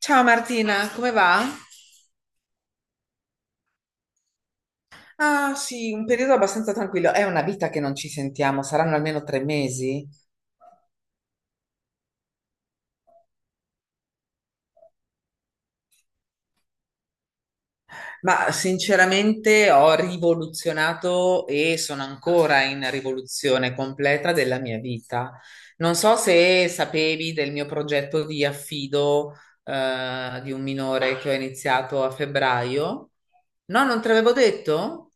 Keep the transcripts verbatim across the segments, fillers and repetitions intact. Ciao Martina, come va? Ah sì, un periodo abbastanza tranquillo. È una vita che non ci sentiamo, saranno almeno tre mesi, ma sinceramente ho rivoluzionato e sono ancora in rivoluzione completa della mia vita. Non so se sapevi del mio progetto di affido, eh, di un minore che ho iniziato a febbraio. No, non te l'avevo detto?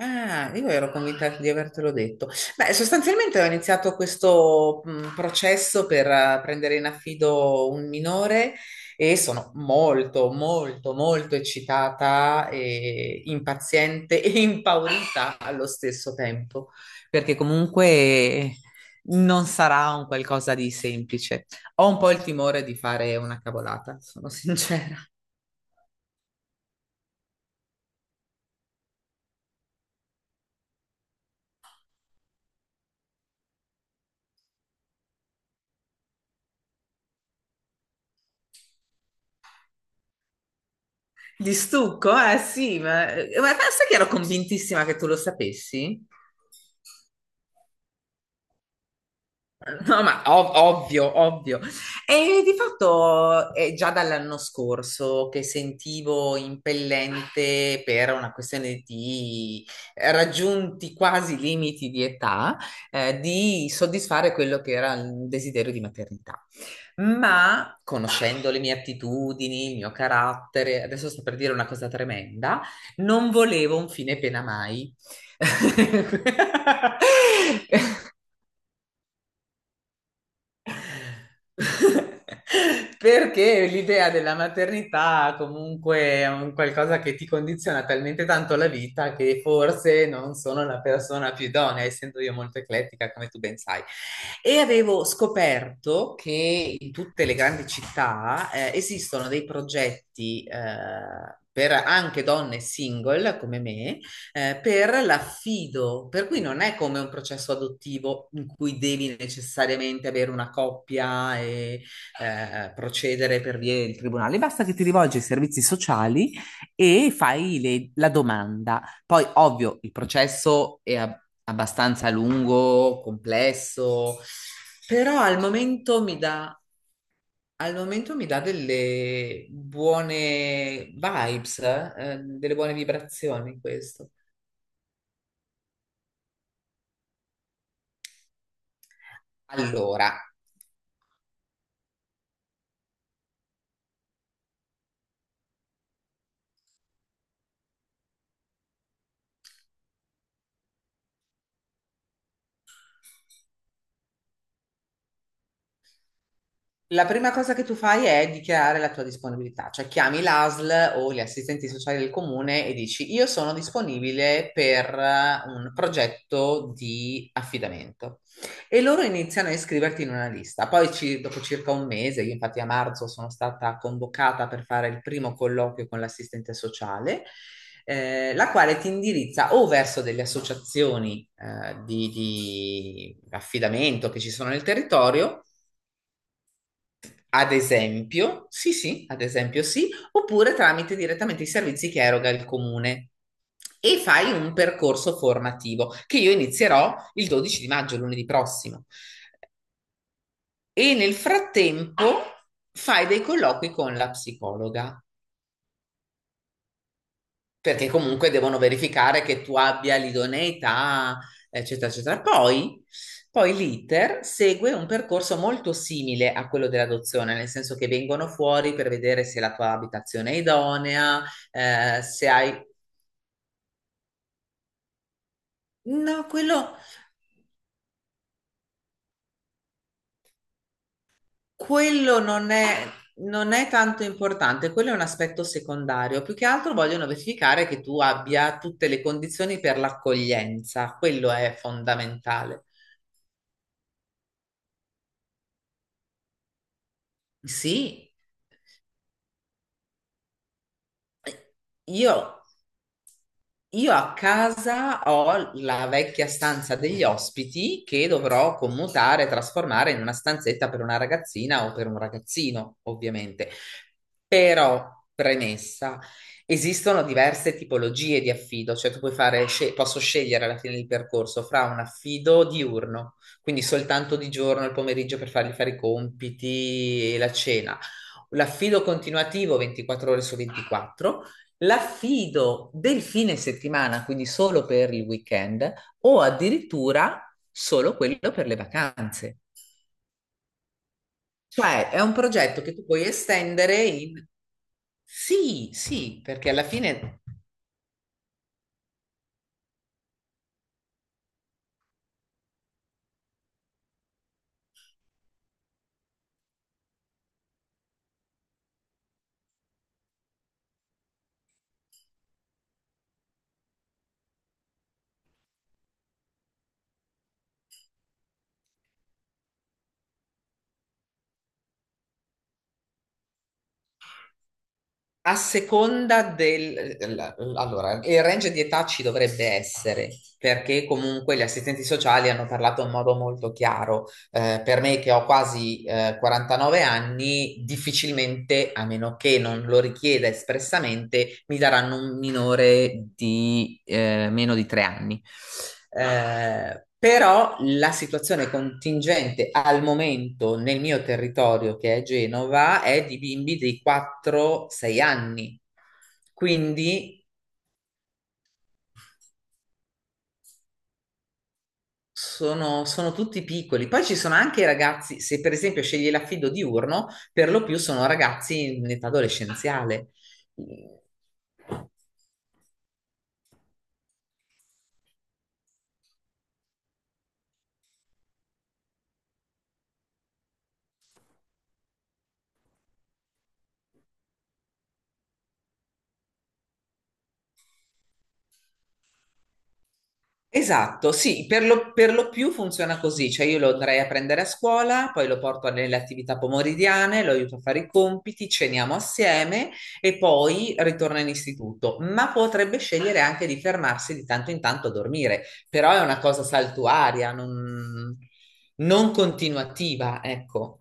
Ah, io ero convinta di avertelo detto. Beh, sostanzialmente ho iniziato questo mh, processo per eh, prendere in affido un minore e sono molto, molto, molto eccitata e impaziente e impaurita allo stesso tempo, perché comunque non sarà un qualcosa di semplice. Ho un po' il timore di fare una cavolata, sono sincera. Di stucco? Eh sì, ma, eh, ma sai che ero convintissima che tu lo sapessi? No, ma ov- ovvio, ovvio. E di fatto è già dall'anno scorso che sentivo impellente per una questione di raggiunti quasi limiti di età, eh, di soddisfare quello che era il desiderio di maternità. Ma conoscendo le mie attitudini, il mio carattere, adesso sto per dire una cosa tremenda, non volevo un fine pena mai. Perché l'idea della maternità comunque è un qualcosa che ti condiziona talmente tanto la vita che forse non sono la persona più idonea, essendo io molto eclettica, come tu ben sai. E avevo scoperto che in tutte le grandi città eh, esistono dei progetti eh, per anche donne single come me eh, per l'affido, per cui non è come un processo adottivo in cui devi necessariamente avere una coppia e eh, procedere per via del tribunale, basta che ti rivolgi ai servizi sociali e fai le- la domanda. Poi, ovvio, il processo è ab- abbastanza lungo, complesso, però al momento mi dà. Al momento mi dà delle buone vibes, eh, delle buone vibrazioni questo. Allora, la prima cosa che tu fai è dichiarare la tua disponibilità, cioè chiami l'A S L o gli assistenti sociali del comune e dici io sono disponibile per eh, un progetto di affidamento. E loro iniziano a iscriverti in una lista. Poi ci- dopo circa un mese, io infatti a marzo sono stata convocata per fare il primo colloquio con l'assistente sociale, eh, la quale ti indirizza o verso delle associazioni eh, di di affidamento che ci sono nel territorio, ad esempio, sì, sì, ad esempio sì, oppure tramite direttamente i servizi che eroga il comune. E fai un percorso formativo che io inizierò il dodici di maggio, lunedì prossimo. E nel frattempo fai dei colloqui con la psicologa, perché comunque devono verificare che tu abbia l'idoneità, eccetera, eccetera. Poi, poi l'iter segue un percorso molto simile a quello dell'adozione, nel senso che vengono fuori per vedere se la tua abitazione è idonea, eh, se hai. No, quello, quello non è, non è tanto importante, quello è un aspetto secondario. Più che altro vogliono verificare che tu abbia tutte le condizioni per l'accoglienza, quello è fondamentale. Sì, io Io a casa ho la vecchia stanza degli ospiti che dovrò commutare, trasformare in una stanzetta per una ragazzina o per un ragazzino, ovviamente. Però, premessa, esistono diverse tipologie di affido, cioè tu puoi fare, sce- posso scegliere alla fine del percorso fra un affido diurno, quindi soltanto di giorno, il pomeriggio per fargli fare i compiti e la cena, l'affido continuativo ventiquattro ore su ventiquattro, l'affido del fine settimana, quindi solo per il weekend, o addirittura solo quello per le vacanze. Cioè, è un progetto che tu puoi estendere in. Sì, sì, perché alla fine a seconda del. la- Allora, il range di età ci dovrebbe essere, perché comunque gli assistenti sociali hanno parlato in modo molto chiaro, eh, per me che ho quasi eh, quarantanove anni, difficilmente, a meno che non lo richieda espressamente, mi daranno un minore di eh, meno di tre anni. Eh, però la situazione contingente al momento nel mio territorio, che è Genova, è di bimbi di quattro sei anni. Quindi Sono, sono tutti piccoli. Poi ci sono anche i ragazzi, se per esempio scegli l'affido diurno, per lo più sono ragazzi in età adolescenziale. Esatto, sì, per lo, per lo più funziona così, cioè io lo andrei a prendere a scuola, poi lo porto nelle attività pomeridiane, lo aiuto a fare i compiti, ceniamo assieme e poi ritorna in istituto, ma potrebbe scegliere anche di fermarsi di tanto in tanto a dormire, però è una cosa saltuaria, non, non continuativa, ecco.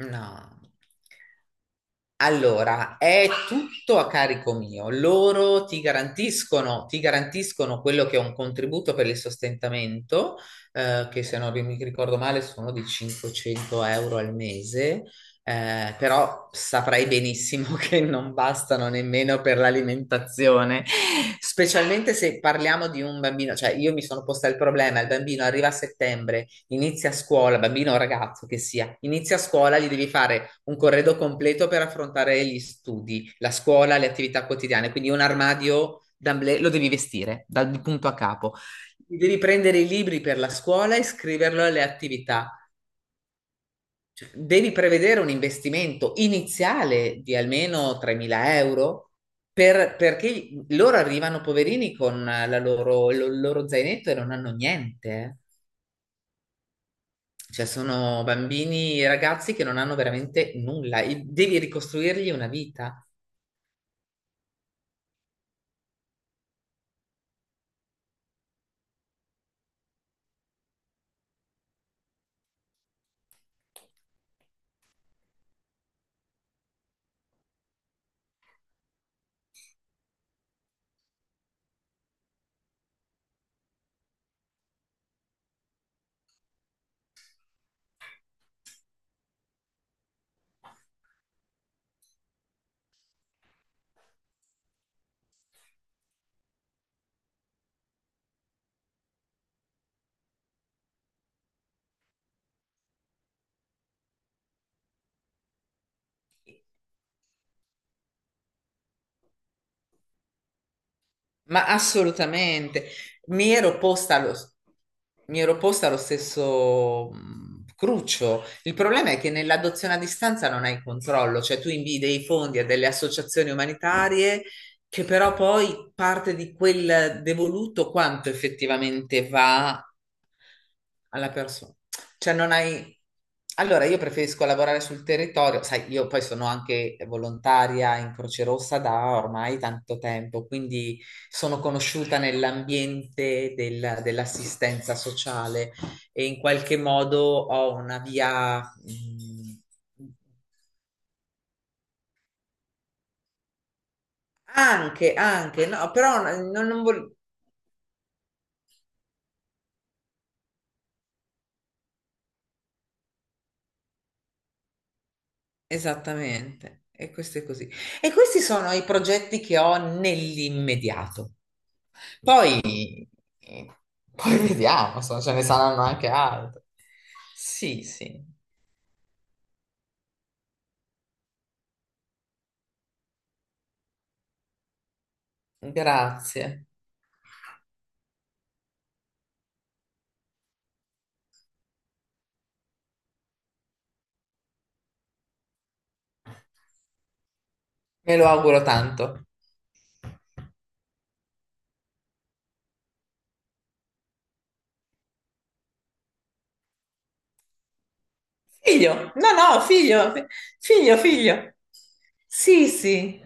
No. Allora, è tutto a carico mio. Loro ti garantiscono, ti garantiscono quello che è un contributo per il sostentamento, eh, che se non ri- mi ricordo male sono di cinquecento euro al mese, eh, però saprai benissimo che non bastano nemmeno per l'alimentazione, specialmente se parliamo di un bambino, cioè io mi sono posta il problema, il bambino arriva a settembre. Inizia a scuola, bambino o ragazzo che sia, inizia a scuola, gli devi fare un corredo completo per affrontare gli studi, la scuola, le attività quotidiane, quindi un armadio d'amblè lo devi vestire dal punto a capo. Devi prendere i libri per la scuola e scriverlo alle attività. Cioè, devi prevedere un investimento iniziale di almeno tremila euro, per- perché loro arrivano poverini con la loro- il loro zainetto e non hanno niente. Eh. Cioè, sono bambini e ragazzi che non hanno veramente nulla e devi ricostruirgli una vita. Ma assolutamente, mi ero posta lo, mi ero posta lo stesso mh, cruccio. Il problema è che nell'adozione a distanza non hai controllo, cioè tu invii dei fondi a delle associazioni umanitarie che però poi parte di quel devoluto quanto effettivamente va alla persona. Cioè non hai. Allora, io preferisco lavorare sul territorio, sai, io poi sono anche volontaria in Croce Rossa da ormai tanto tempo, quindi sono conosciuta nell'ambiente della- dell'assistenza sociale e in qualche modo ho una via, mh, anche, anche, no, però non, non vol- esattamente, e questo è così. E questi sono i progetti che ho nell'immediato. Poi, poi vediamo, insomma, ce ne saranno anche altri. Sì, sì, grazie. Me lo auguro tanto. Figlio, no, no, figlio, fi- figlio, figlio. Sì, sì.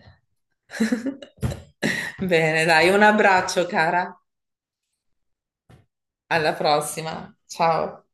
Bene, dai, un abbraccio, cara. Alla prossima. Ciao.